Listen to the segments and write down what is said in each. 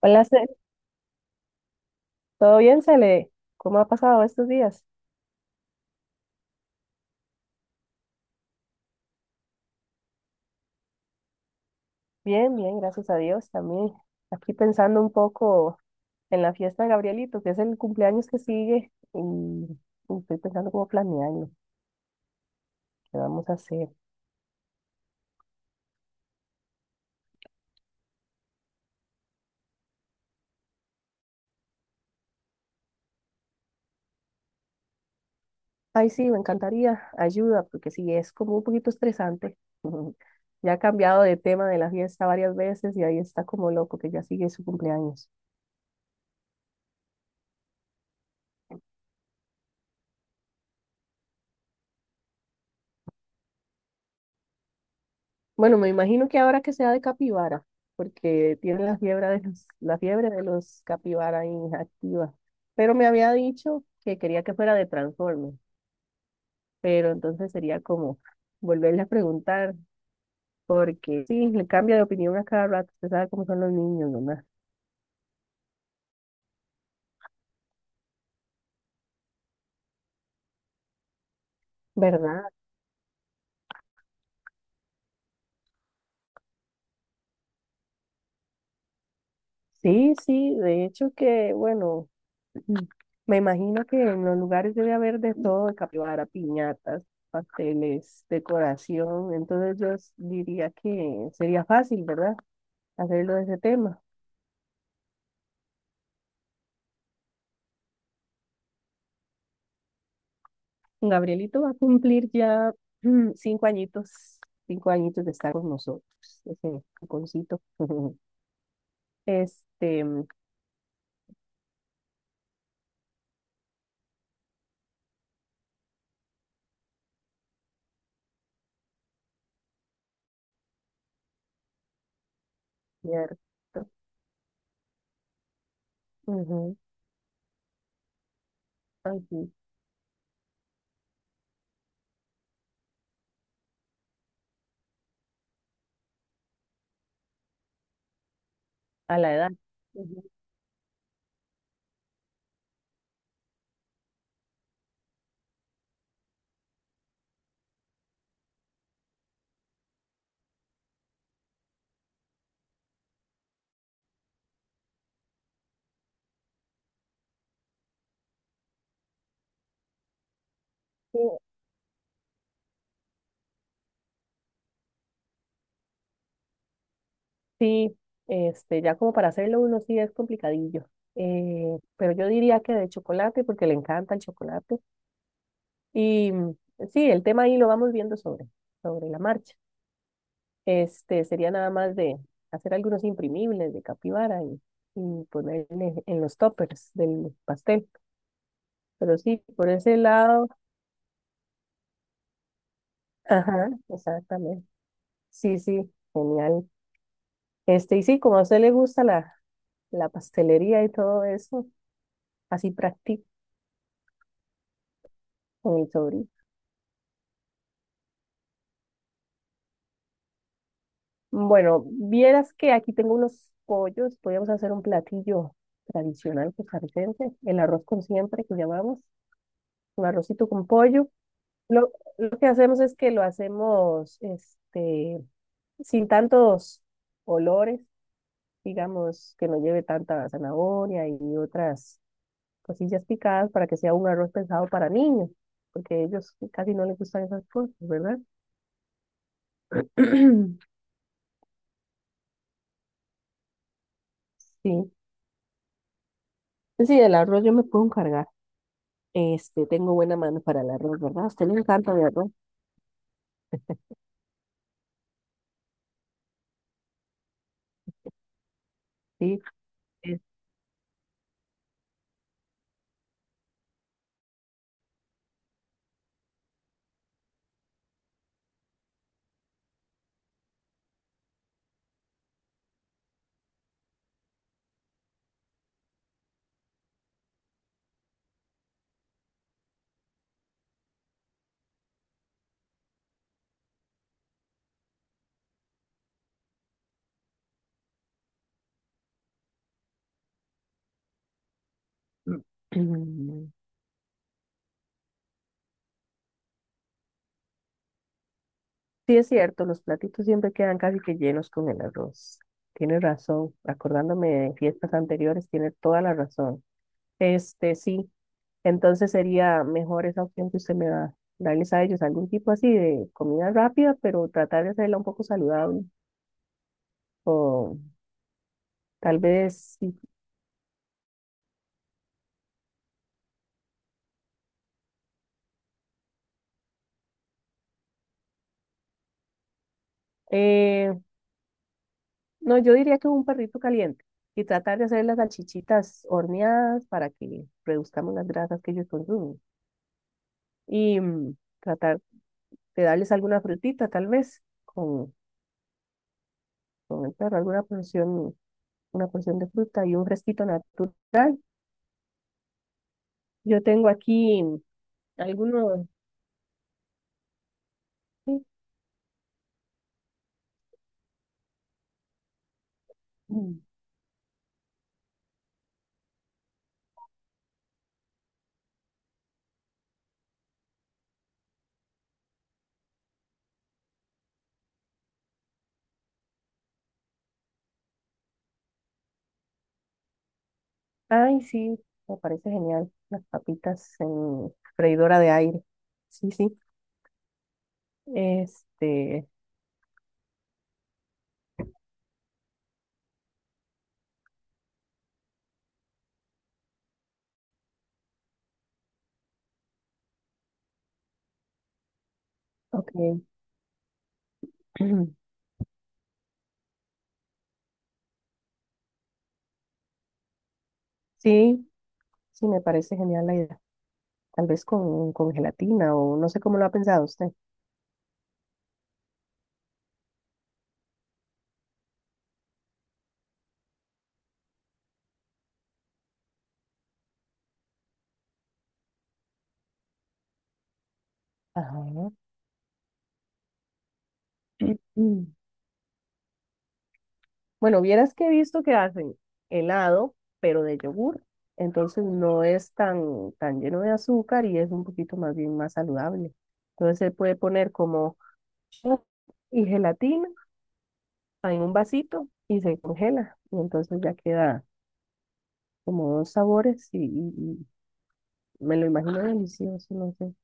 Hola, ¿todo bien, Cele? ¿Cómo ha pasado estos días? Bien, gracias a Dios también. Aquí pensando un poco en la fiesta de Gabrielito, que es el cumpleaños que sigue, y estoy pensando cómo planearlo, qué vamos a hacer. Ay, sí, me encantaría ayuda, porque sí, es como un poquito estresante. Ya ha cambiado de tema de la fiesta varias veces y ahí está como loco que ya sigue su cumpleaños. Bueno, me imagino que ahora que sea de capibara, porque tiene la fiebre de los capibara inactiva. Pero me había dicho que quería que fuera de Transformers, pero entonces sería como volverle a preguntar, porque sí, le cambia de opinión a cada rato, usted sabe cómo son los niños, ¿verdad? ¿Verdad? Sí, sí, de hecho que, bueno. Mm. Me imagino que en los lugares debe haber de todo, de capibara, piñatas, pasteles, decoración. Entonces diría que sería fácil, ¿verdad? Hacerlo de ese tema. Gabrielito va a cumplir ya 5 añitos, 5 añitos de estar con nosotros, ese caponcito. Este, cierto. Ujú, así, a la edad. Ujú. Sí, sí, este, ya como para hacerlo uno sí es complicadillo. Pero yo diría que de chocolate, porque le encanta el chocolate. Y sí, el tema ahí lo vamos viendo sobre la marcha. Este, sería nada más de hacer algunos imprimibles de capibara, y ponerle en los toppers del pastel. Pero sí, por ese lado, ajá, exactamente. Sí, sí, genial. Este, y sí, como a usted le gusta la pastelería y todo eso, así practica con el sobrino. Bueno, vieras que aquí tengo unos pollos, podríamos hacer un platillo tradicional costarricense, el arroz con siempre que llamamos, un arrocito con pollo. Lo, lo que hacemos es que lo hacemos este, sin tantos olores, digamos, que no lleve tanta zanahoria y otras cosillas picadas para que sea un arroz pensado para niños, porque ellos casi no les gustan esas cosas, ¿verdad? Sí, sí, del arroz yo me puedo encargar. Este, tengo buena mano para el arroz, ¿verdad? A usted le encanta el arroz. Sí, es- sí es cierto, los platitos siempre quedan casi que llenos con el arroz. Tiene razón, acordándome de fiestas anteriores, tiene toda la razón. Este, sí, entonces sería mejor esa opción que usted me da, darles a ellos algún tipo así de comida rápida, pero tratar de hacerla un poco saludable. O tal vez, sí. No, yo diría que un perrito caliente y tratar de hacer las salchichitas horneadas para que reduzcamos las grasas que ellos consumen. Y tratar de darles alguna frutita, tal vez, con el perro, alguna porción, una porción de fruta y un fresquito natural. Yo tengo aquí algunos. Sí, mm, ay, sí, me parece genial. Las papitas en freidora de aire. Sí, sí. Este, ok. Sí, sí, me parece genial la idea. Tal vez con gelatina o no sé cómo lo ha pensado usted. Ajá. Mm. Bueno, vieras que he visto que hacen helado, pero de yogur, entonces no es tan lleno de azúcar y es un poquito más bien más saludable. Entonces se puede poner como yogur y gelatina en un vasito y se congela y entonces ya queda como dos sabores y y me lo imagino delicioso, no sé.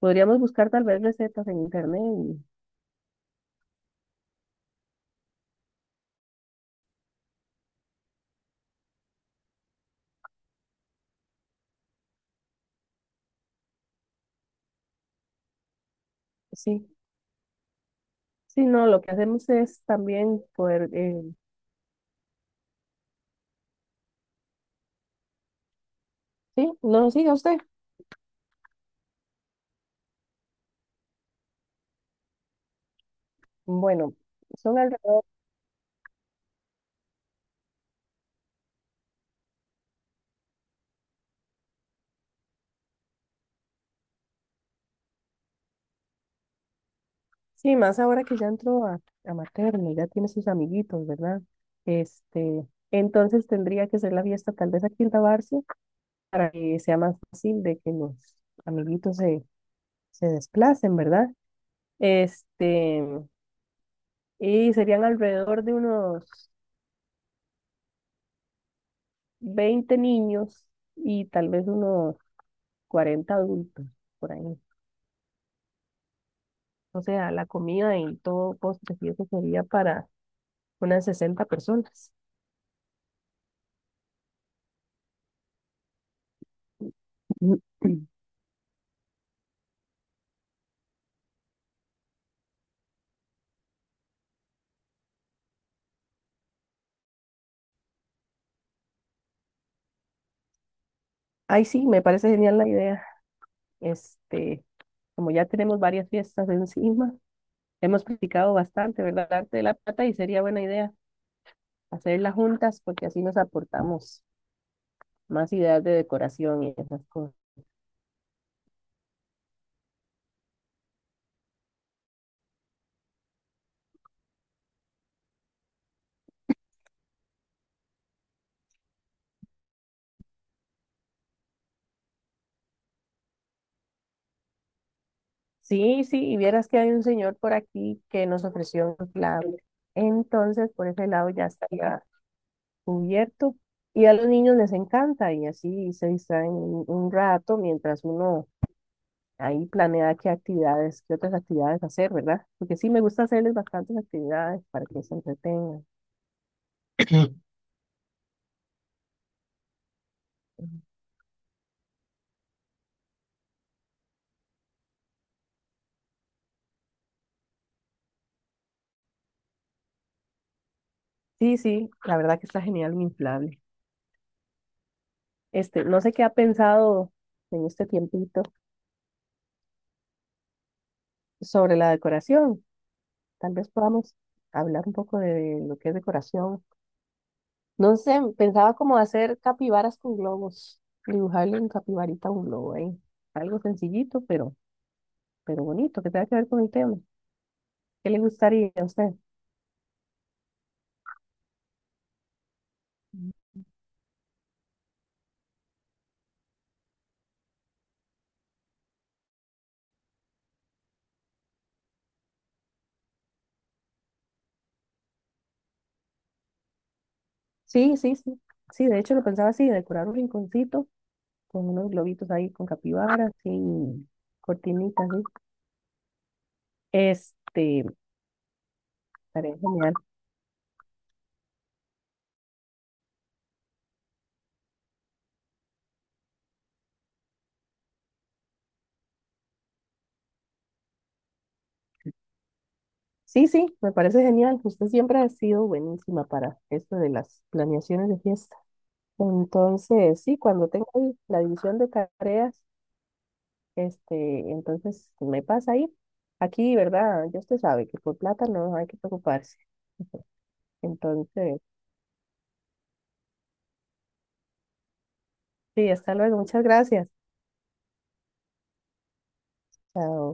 Podríamos buscar tal vez recetas en internet y sí, sí, no, lo que hacemos es también poder, sí, no siga usted. Bueno, son alrededor, sí, más ahora que ya entró a materno, ya tiene sus amiguitos, ¿verdad? Este, entonces tendría que ser la fiesta tal vez aquí en Tabarce para que sea más fácil de que los amiguitos se desplacen, ¿verdad? Este, y serían alrededor de unos 20 niños y tal vez unos 40 adultos por ahí. O sea, la comida y todo postres y eso sería para unas 60 personas. Ay, sí, me parece genial la idea. Este, como ya tenemos varias fiestas encima, hemos practicado bastante, ¿verdad? El arte de la plata y sería buena idea hacerlas juntas porque así nos aportamos más ideas de decoración y esas cosas. Sí, sí, y vieras que hay un señor por aquí que nos ofreció un clave. Entonces, por ese lado ya estaría cubierto. Y a los niños les encanta y así se distraen un rato mientras uno ahí planea qué actividades, qué otras actividades hacer, ¿verdad? Porque sí, me gusta hacerles bastantes actividades para que se entretengan. Sí, sí, la verdad que está genial mi inflable. Este, no sé qué ha pensado en este tiempito sobre la decoración. Tal vez podamos hablar un poco de lo que es decoración. No sé, pensaba como hacer capibaras con globos, dibujarle un capibarita a un globo ahí. Algo sencillito, pero bonito, que tenga que ver con el tema. ¿Qué le gustaría a usted? Sí, sí, sí. Sí, de hecho lo pensaba así, decorar un rinconcito con unos globitos ahí con capibaras y cortinitas, ¿sí? Este, estaría genial. Sí, sí, me parece genial. Usted siempre ha sido buenísima para esto de las planeaciones de fiesta. Entonces, sí, cuando tenga ahí la división de tareas, este, entonces me pasa ahí. Aquí, ¿verdad? Ya usted sabe que por plata no hay que preocuparse. Entonces, sí, hasta luego. Muchas gracias. Chao.